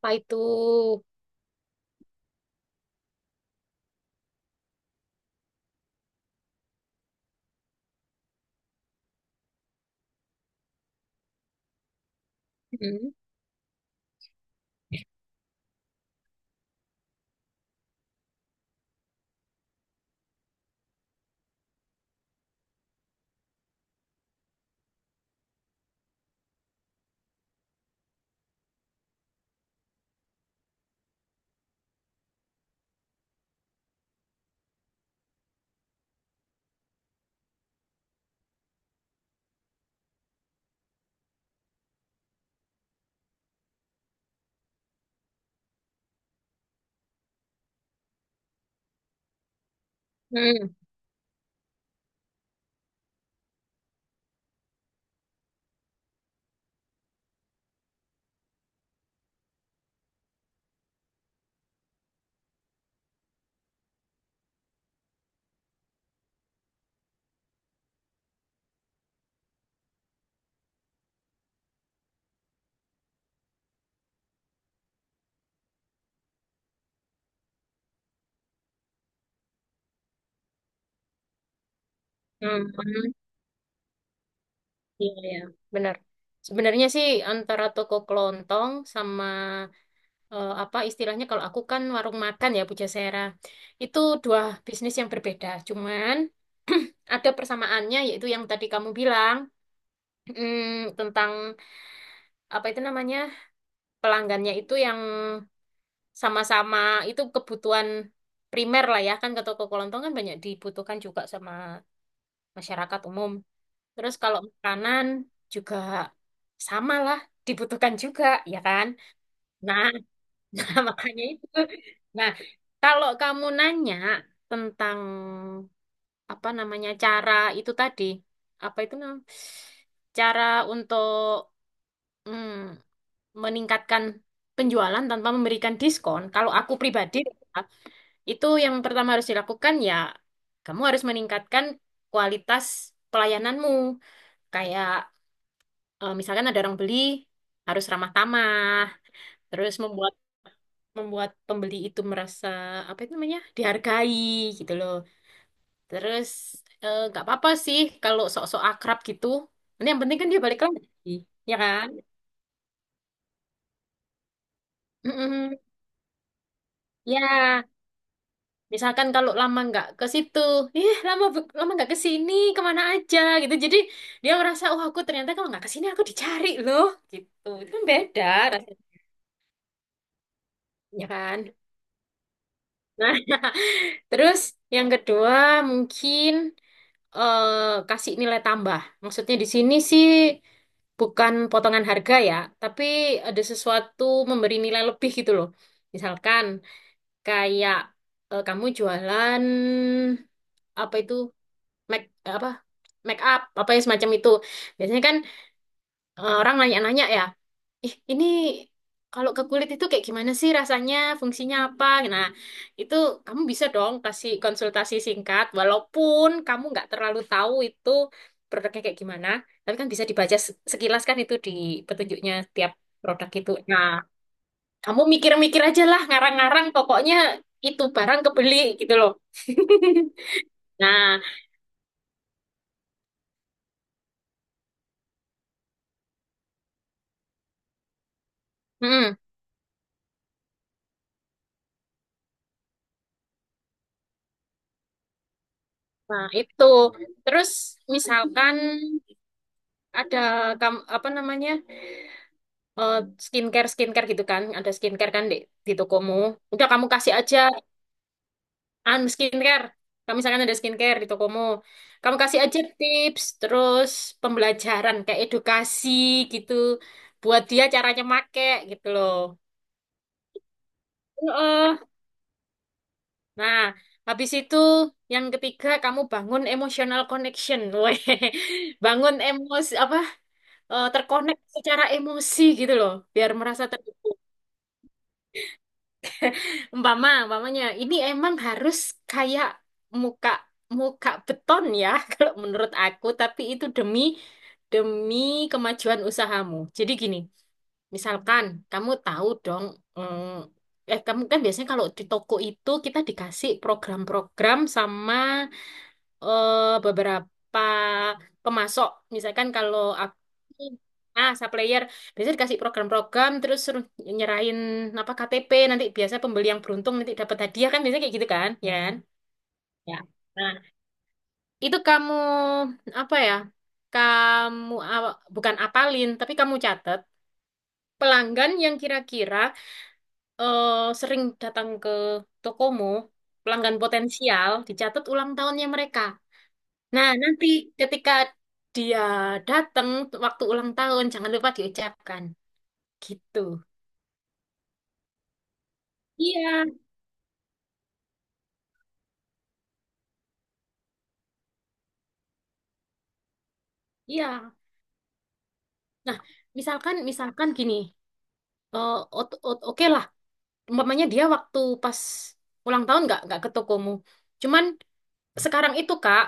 Apa itu? Hmm. Hmm. Hmm. Hmm. Iya, iya. Benar. Sebenarnya sih antara toko kelontong sama apa istilahnya kalau aku kan warung makan ya Pujasera. Itu dua bisnis yang berbeda. Cuman ada persamaannya yaitu yang tadi kamu bilang tentang apa itu namanya pelanggannya itu yang sama-sama itu kebutuhan primer lah ya kan, ke toko kelontong kan banyak dibutuhkan juga sama masyarakat umum. Terus kalau makanan juga sama lah, dibutuhkan juga, ya kan? Nah, nah makanya itu. Nah, kalau kamu nanya tentang apa namanya cara itu tadi, apa itu namanya? Cara untuk mm, meningkatkan penjualan tanpa memberikan diskon. Kalau aku pribadi, itu yang pertama harus dilakukan ya, kamu harus meningkatkan kualitas pelayananmu. Kayak misalkan ada orang beli harus ramah tamah, terus membuat membuat pembeli itu merasa apa itu namanya dihargai gitu loh. Terus nggak apa-apa sih kalau sok-sok akrab gitu. Nanti yang penting kan dia balik lagi, ya kan? Mm-mm. Ya, misalkan kalau lama nggak ke situ, ih lama nggak ke sini, kemana aja gitu. Jadi dia merasa, oh aku ternyata kalau nggak ke sini aku dicari loh, gitu. Itu kan beda rasanya, ya kan? Nah. Terus yang kedua mungkin kasih nilai tambah. Maksudnya di sini sih bukan potongan harga ya, tapi ada sesuatu memberi nilai lebih gitu loh. Misalkan kayak kamu jualan apa itu make apa make up apa ya semacam itu. Biasanya kan orang nanya-nanya ya ih ini kalau ke kulit itu kayak gimana sih rasanya, fungsinya apa? Nah, itu kamu bisa dong kasih konsultasi singkat, walaupun kamu nggak terlalu tahu itu produknya kayak gimana, tapi kan bisa dibaca sekilas kan itu di petunjuknya tiap produk itu. Nah, kamu mikir-mikir aja lah, ngarang-ngarang, pokoknya itu barang kebeli gitu loh. Nah, mm, nah itu. Terus misalkan ada apa namanya? eh, skincare skincare gitu kan ada skincare kan di tokomu udah kamu kasih aja an skincare, kamu misalkan ada skincare di tokomu kamu kasih aja tips terus pembelajaran kayak edukasi gitu buat dia caranya make gitu loh. Heeh. Nah habis itu yang ketiga kamu bangun emotional connection. Weh, bangun emosi apa, terkonek secara emosi gitu loh biar merasa. Umpamanya ini emang harus kayak muka muka beton ya, kalau menurut aku, tapi itu demi demi kemajuan usahamu. Jadi gini, misalkan kamu tahu dong, kamu kan biasanya kalau di toko itu kita dikasih program-program sama beberapa pemasok. Misalkan kalau aku, ah, supplier biasanya dikasih program-program terus suruh nyerahin apa KTP, nanti biasa pembeli yang beruntung nanti dapat hadiah kan biasanya kayak gitu kan, ya kan? Ya. Nah, itu kamu apa ya? Kamu bukan apalin tapi kamu catat pelanggan yang kira-kira eh, sering datang ke tokomu, pelanggan potensial, dicatat ulang tahunnya mereka. Nah, nanti ketika dia datang waktu ulang tahun, jangan lupa diucapkan. Gitu. Iya, iya. Nah, misalkan, misalkan gini, eh, oke lah, umpamanya dia waktu pas ulang tahun nggak ke tokomu. Cuman sekarang itu Kak,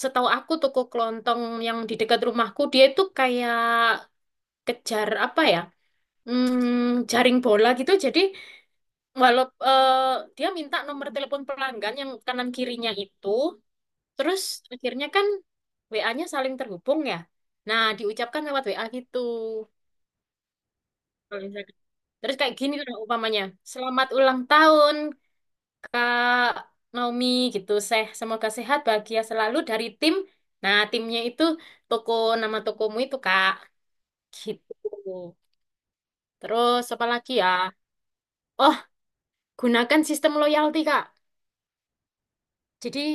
setahu aku toko kelontong yang di dekat rumahku dia itu kayak kejar apa ya? Hmm, jaring bola gitu. Jadi walau dia minta nomor telepon pelanggan yang kanan kirinya itu. Terus akhirnya kan WA-nya saling terhubung ya. Nah, diucapkan lewat WA gitu. Kalau misalkan, terus kayak gini lah umpamanya. Selamat ulang tahun Kak Naomi gitu. Seh, semoga sehat, bahagia selalu dari tim. Nah, timnya itu toko, nama tokomu itu Kak, gitu. Terus apa lagi ya? Oh, gunakan sistem loyalty Kak. Jadi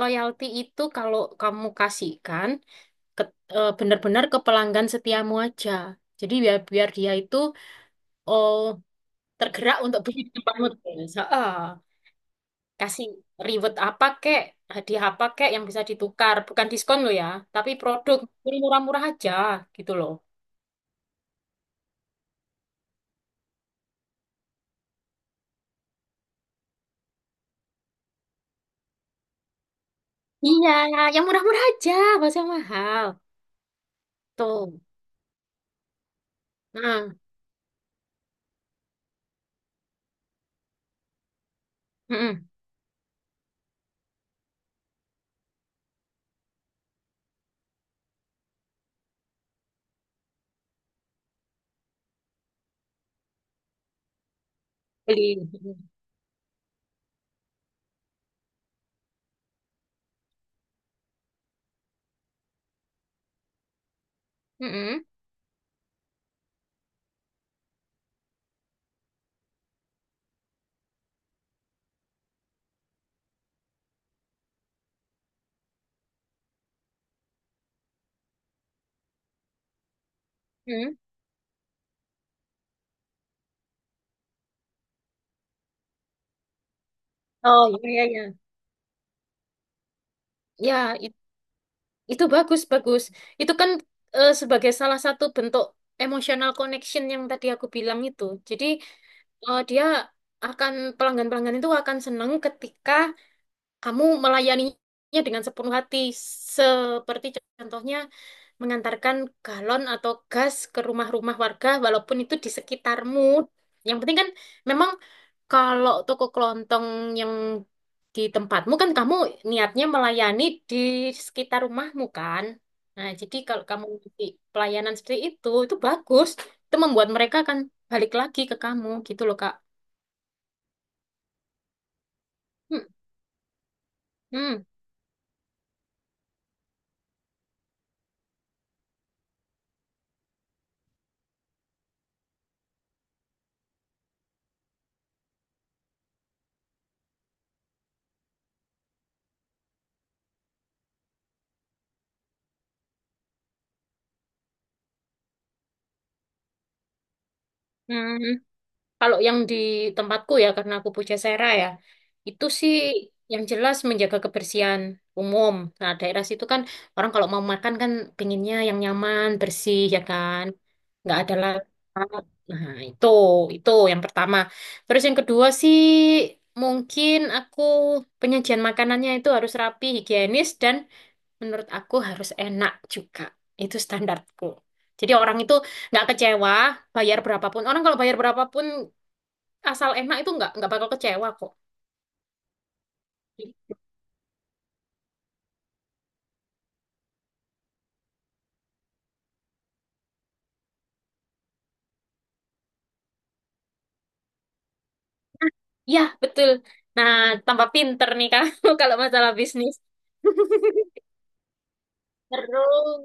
loyalty itu kalau kamu kasihkan ke, benar-benar ke pelanggan setiamu aja. Jadi biar biar dia itu oh, tergerak untuk beli di tempatmu terus. Heeh. Kasih reward apa kek, hadiah apa kek yang bisa ditukar, bukan diskon lo ya, tapi produk. Yang murah-murah aja gitu loh. Iya, yang murah-murah aja, gak usah yang mahal. Tuh. Nah, mm-mm. Beli. Mm-mm. Mm-mm. Oh iya iya iya. Ya, itu bagus, bagus. Itu kan sebagai salah satu bentuk emotional connection yang tadi aku bilang itu. Jadi eh, dia akan pelanggan-pelanggan itu akan senang ketika kamu melayaninya dengan sepenuh hati, seperti contohnya mengantarkan galon atau gas ke rumah-rumah warga, walaupun itu di sekitarmu. Yang penting kan memang kalau toko kelontong yang di tempatmu kan kamu niatnya melayani di sekitar rumahmu kan. Nah, jadi kalau kamu ngasih pelayanan seperti itu bagus. Itu membuat mereka akan balik lagi ke kamu gitu loh, Kak. Hmm, hmm, hmm. Kalau yang di tempatku ya, karena aku Pujasera ya, itu sih yang jelas menjaga kebersihan umum. Nah, daerah situ kan orang kalau mau makan kan pinginnya yang nyaman, bersih ya kan, nggak ada lah. Nah, itu yang pertama. Terus yang kedua sih mungkin aku penyajian makanannya itu harus rapi, higienis dan menurut aku harus enak juga. Itu standarku. Jadi orang itu nggak kecewa bayar berapapun. Orang kalau bayar berapapun asal enak itu nggak bakal kecewa kok. Ya betul. Nah, tambah pinter nih kamu kalau masalah bisnis. Terus,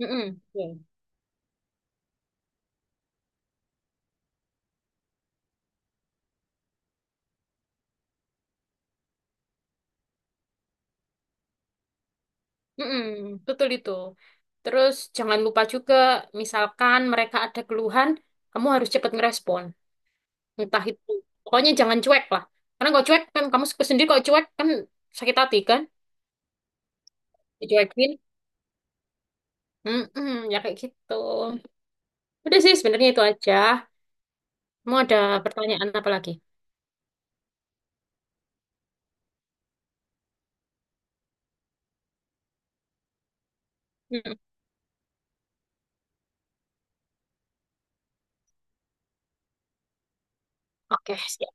mm-mm. Iya. Mm-mm, betul itu. Terus jangan lupa juga, misalkan mereka ada keluhan, kamu harus cepat ngerespon. Entah itu, pokoknya jangan cuek lah. Karena kalau cuek kan kamu sendiri kalau cuek kan sakit hati kan, dicuekin. Mm-mm, ya kayak gitu. Udah sih sebenarnya itu aja. Mau ada pertanyaan apa lagi? Oke, siap.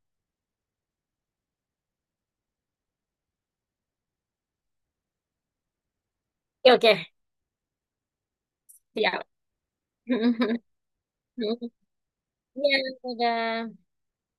Oke, siap. Iya, udah.